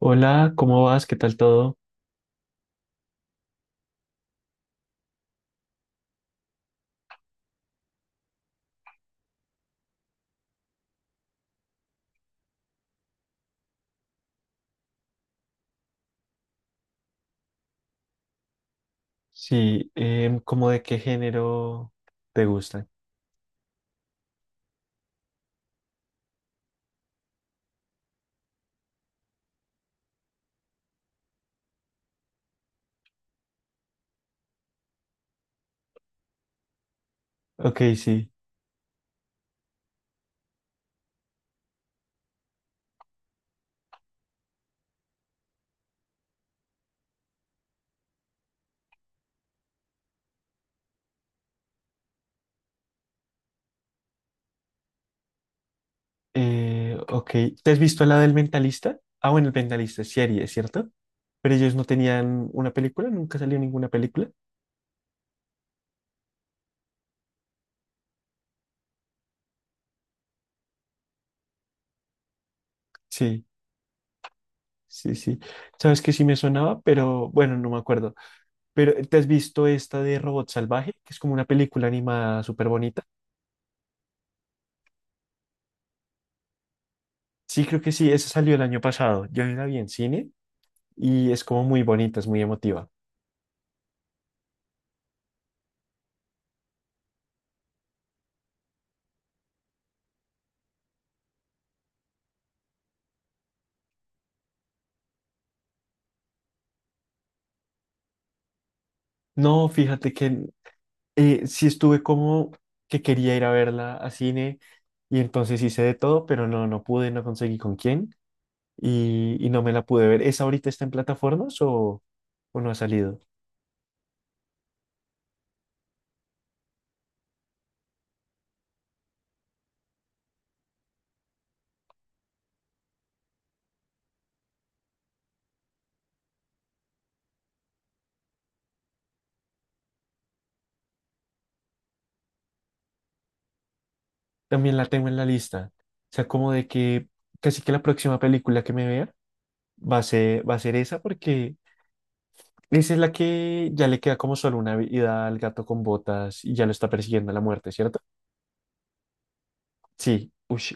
Hola, ¿cómo vas? ¿Qué tal todo? Sí, ¿cómo de qué género te gustan? Ok, sí. Ok, ¿te has visto la del Mentalista? Ah, bueno, el Mentalista es serie, ¿cierto? Pero ellos no tenían una película, nunca salió ninguna película. Sí, sí, sí. Sabes que sí me sonaba, pero bueno, no me acuerdo. Pero ¿te has visto esta de Robot Salvaje? Que es como una película animada súper bonita. Sí, creo que sí, esa salió el año pasado. Yo la vi en cine y es como muy bonita, es muy emotiva. No, fíjate que sí estuve como que quería ir a verla a cine y entonces hice de todo, pero no, no pude, no conseguí con quién y no me la pude ver. ¿Esa ahorita está en plataformas o no ha salido? También la tengo en la lista. O sea, como de que casi que la próxima película que me vea va a ser esa porque esa es la que ya le queda como solo una vida al gato con botas y ya lo está persiguiendo la muerte, ¿cierto? Sí, ush.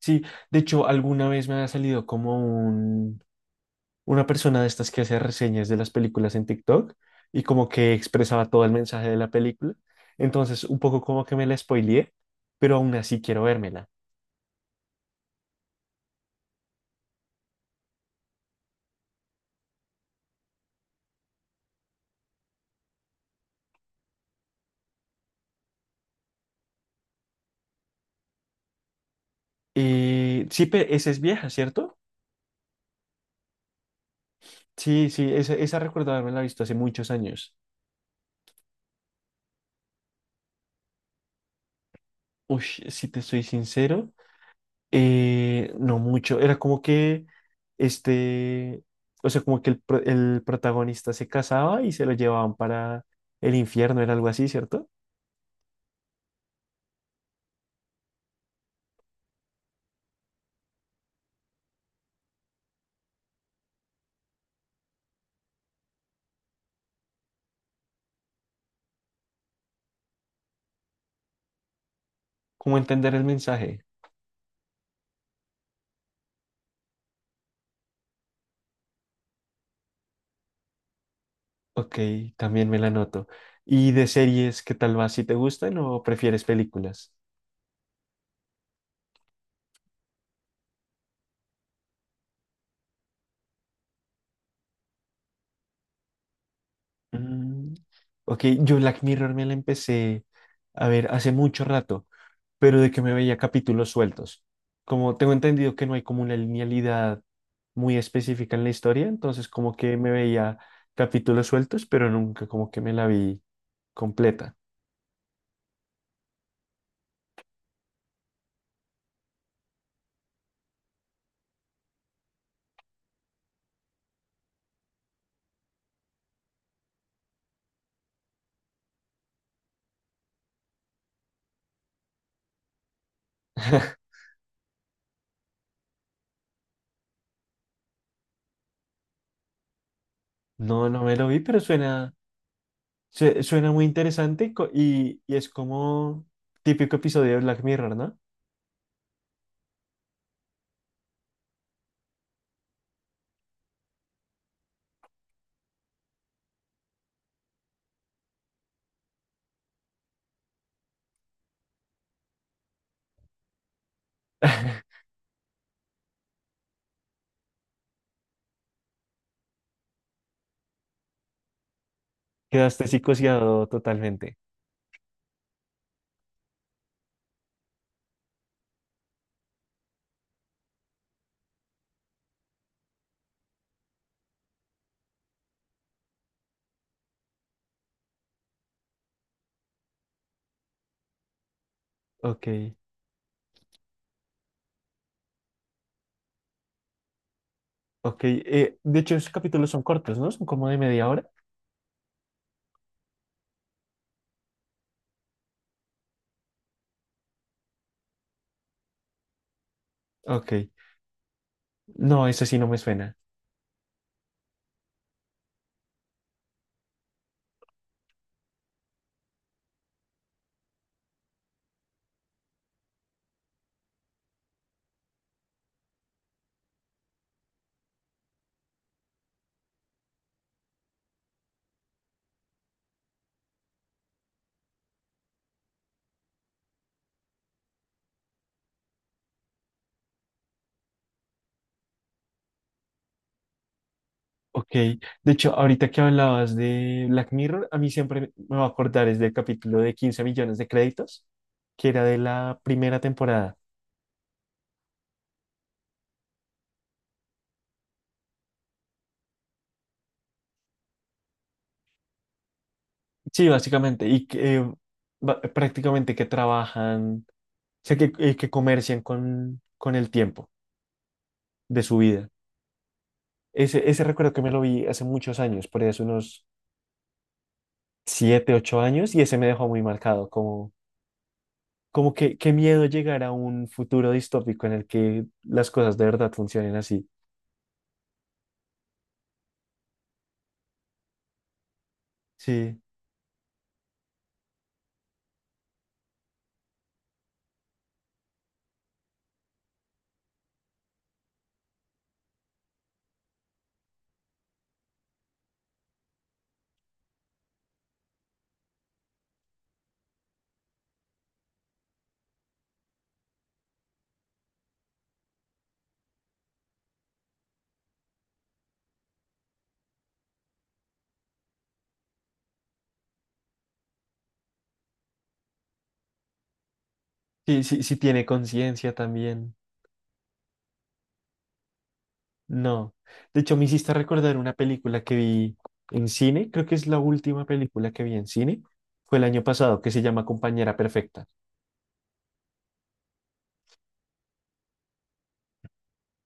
Sí, de hecho, alguna vez me ha salido como un una persona de estas que hace reseñas de las películas en TikTok y como que expresaba todo el mensaje de la película. Entonces, un poco como que me la spoileé, pero aún así quiero vérmela. Sí, esa es vieja, ¿cierto? Sí, sí, esa recuerdo haberla visto hace muchos años. Uy, si te soy sincero, no mucho, era como que este, o sea, como que el protagonista se casaba y se lo llevaban para el infierno, era algo así, ¿cierto? ¿Cómo entender el mensaje? Ok, también me la noto. ¿Y de series, qué tal va? ¿Si te gustan o prefieres películas? Mm, ok, yo Black Mirror me la empecé a ver hace mucho rato, pero de que me veía capítulos sueltos. Como tengo entendido que no hay como una linealidad muy específica en la historia, entonces como que me veía capítulos sueltos, pero nunca como que me la vi completa. No, no me lo vi, pero suena muy interesante y es como típico episodio de Black Mirror, ¿no? Quedaste psicoseado totalmente. Ok, ok. De hecho, esos capítulos son cortos, ¿no? Son como de media hora. Ok. No, eso sí no me suena. Ok. De hecho, ahorita que hablabas de Black Mirror, a mí siempre me va a acordar es del capítulo de 15 millones de créditos, que era de la primera temporada. Sí, básicamente. Y que prácticamente que trabajan, o sea, que comercian con el tiempo de su vida. Ese recuerdo que me lo vi hace muchos años, por ahí hace unos siete, ocho años y ese me dejó muy marcado, como que qué miedo llegar a un futuro distópico en el que las cosas de verdad funcionen así. Sí, sí, sí, sí tiene conciencia también. No. De hecho, me hiciste recordar una película que vi en cine, creo que es la última película que vi en cine, fue el año pasado, que se llama Compañera Perfecta.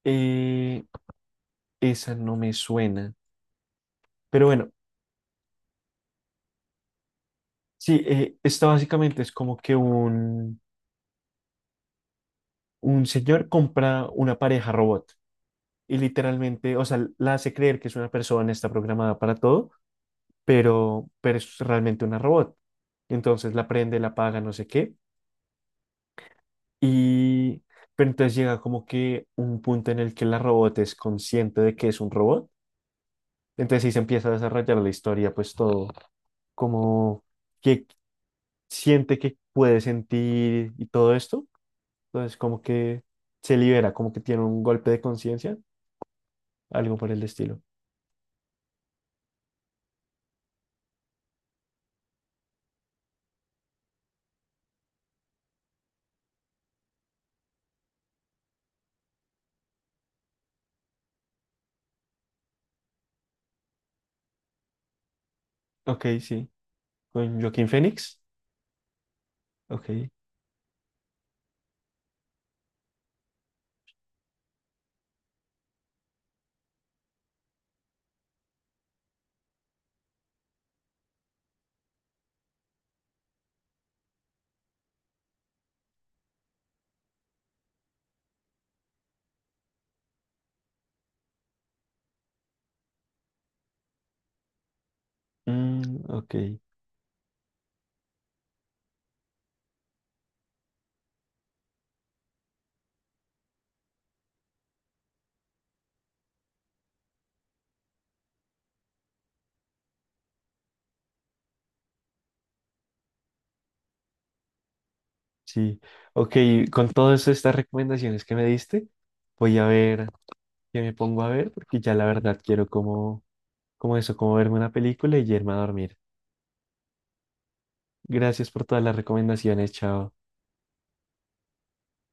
Eh, esa no me suena, pero bueno, sí, esta básicamente es como que un señor compra una pareja robot y literalmente, o sea, la hace creer que es una persona, está programada para todo, pero es realmente una robot. Entonces la prende, la apaga, no sé qué. Y, pero entonces llega como que un punto en el que la robot es consciente de que es un robot. Entonces ahí se empieza a desarrollar la historia, pues todo, como que siente que puede sentir y todo esto. Entonces como que se libera, como que tiene un golpe de conciencia, algo por el estilo. Ok, sí, con Joaquín Phoenix. Ok. Mm, ok, sí. Ok, con todas estas recomendaciones que me diste, voy a ver qué me pongo a ver, porque ya la verdad quiero como, eso, como verme una película y irme a dormir. Gracias por todas las recomendaciones, chao.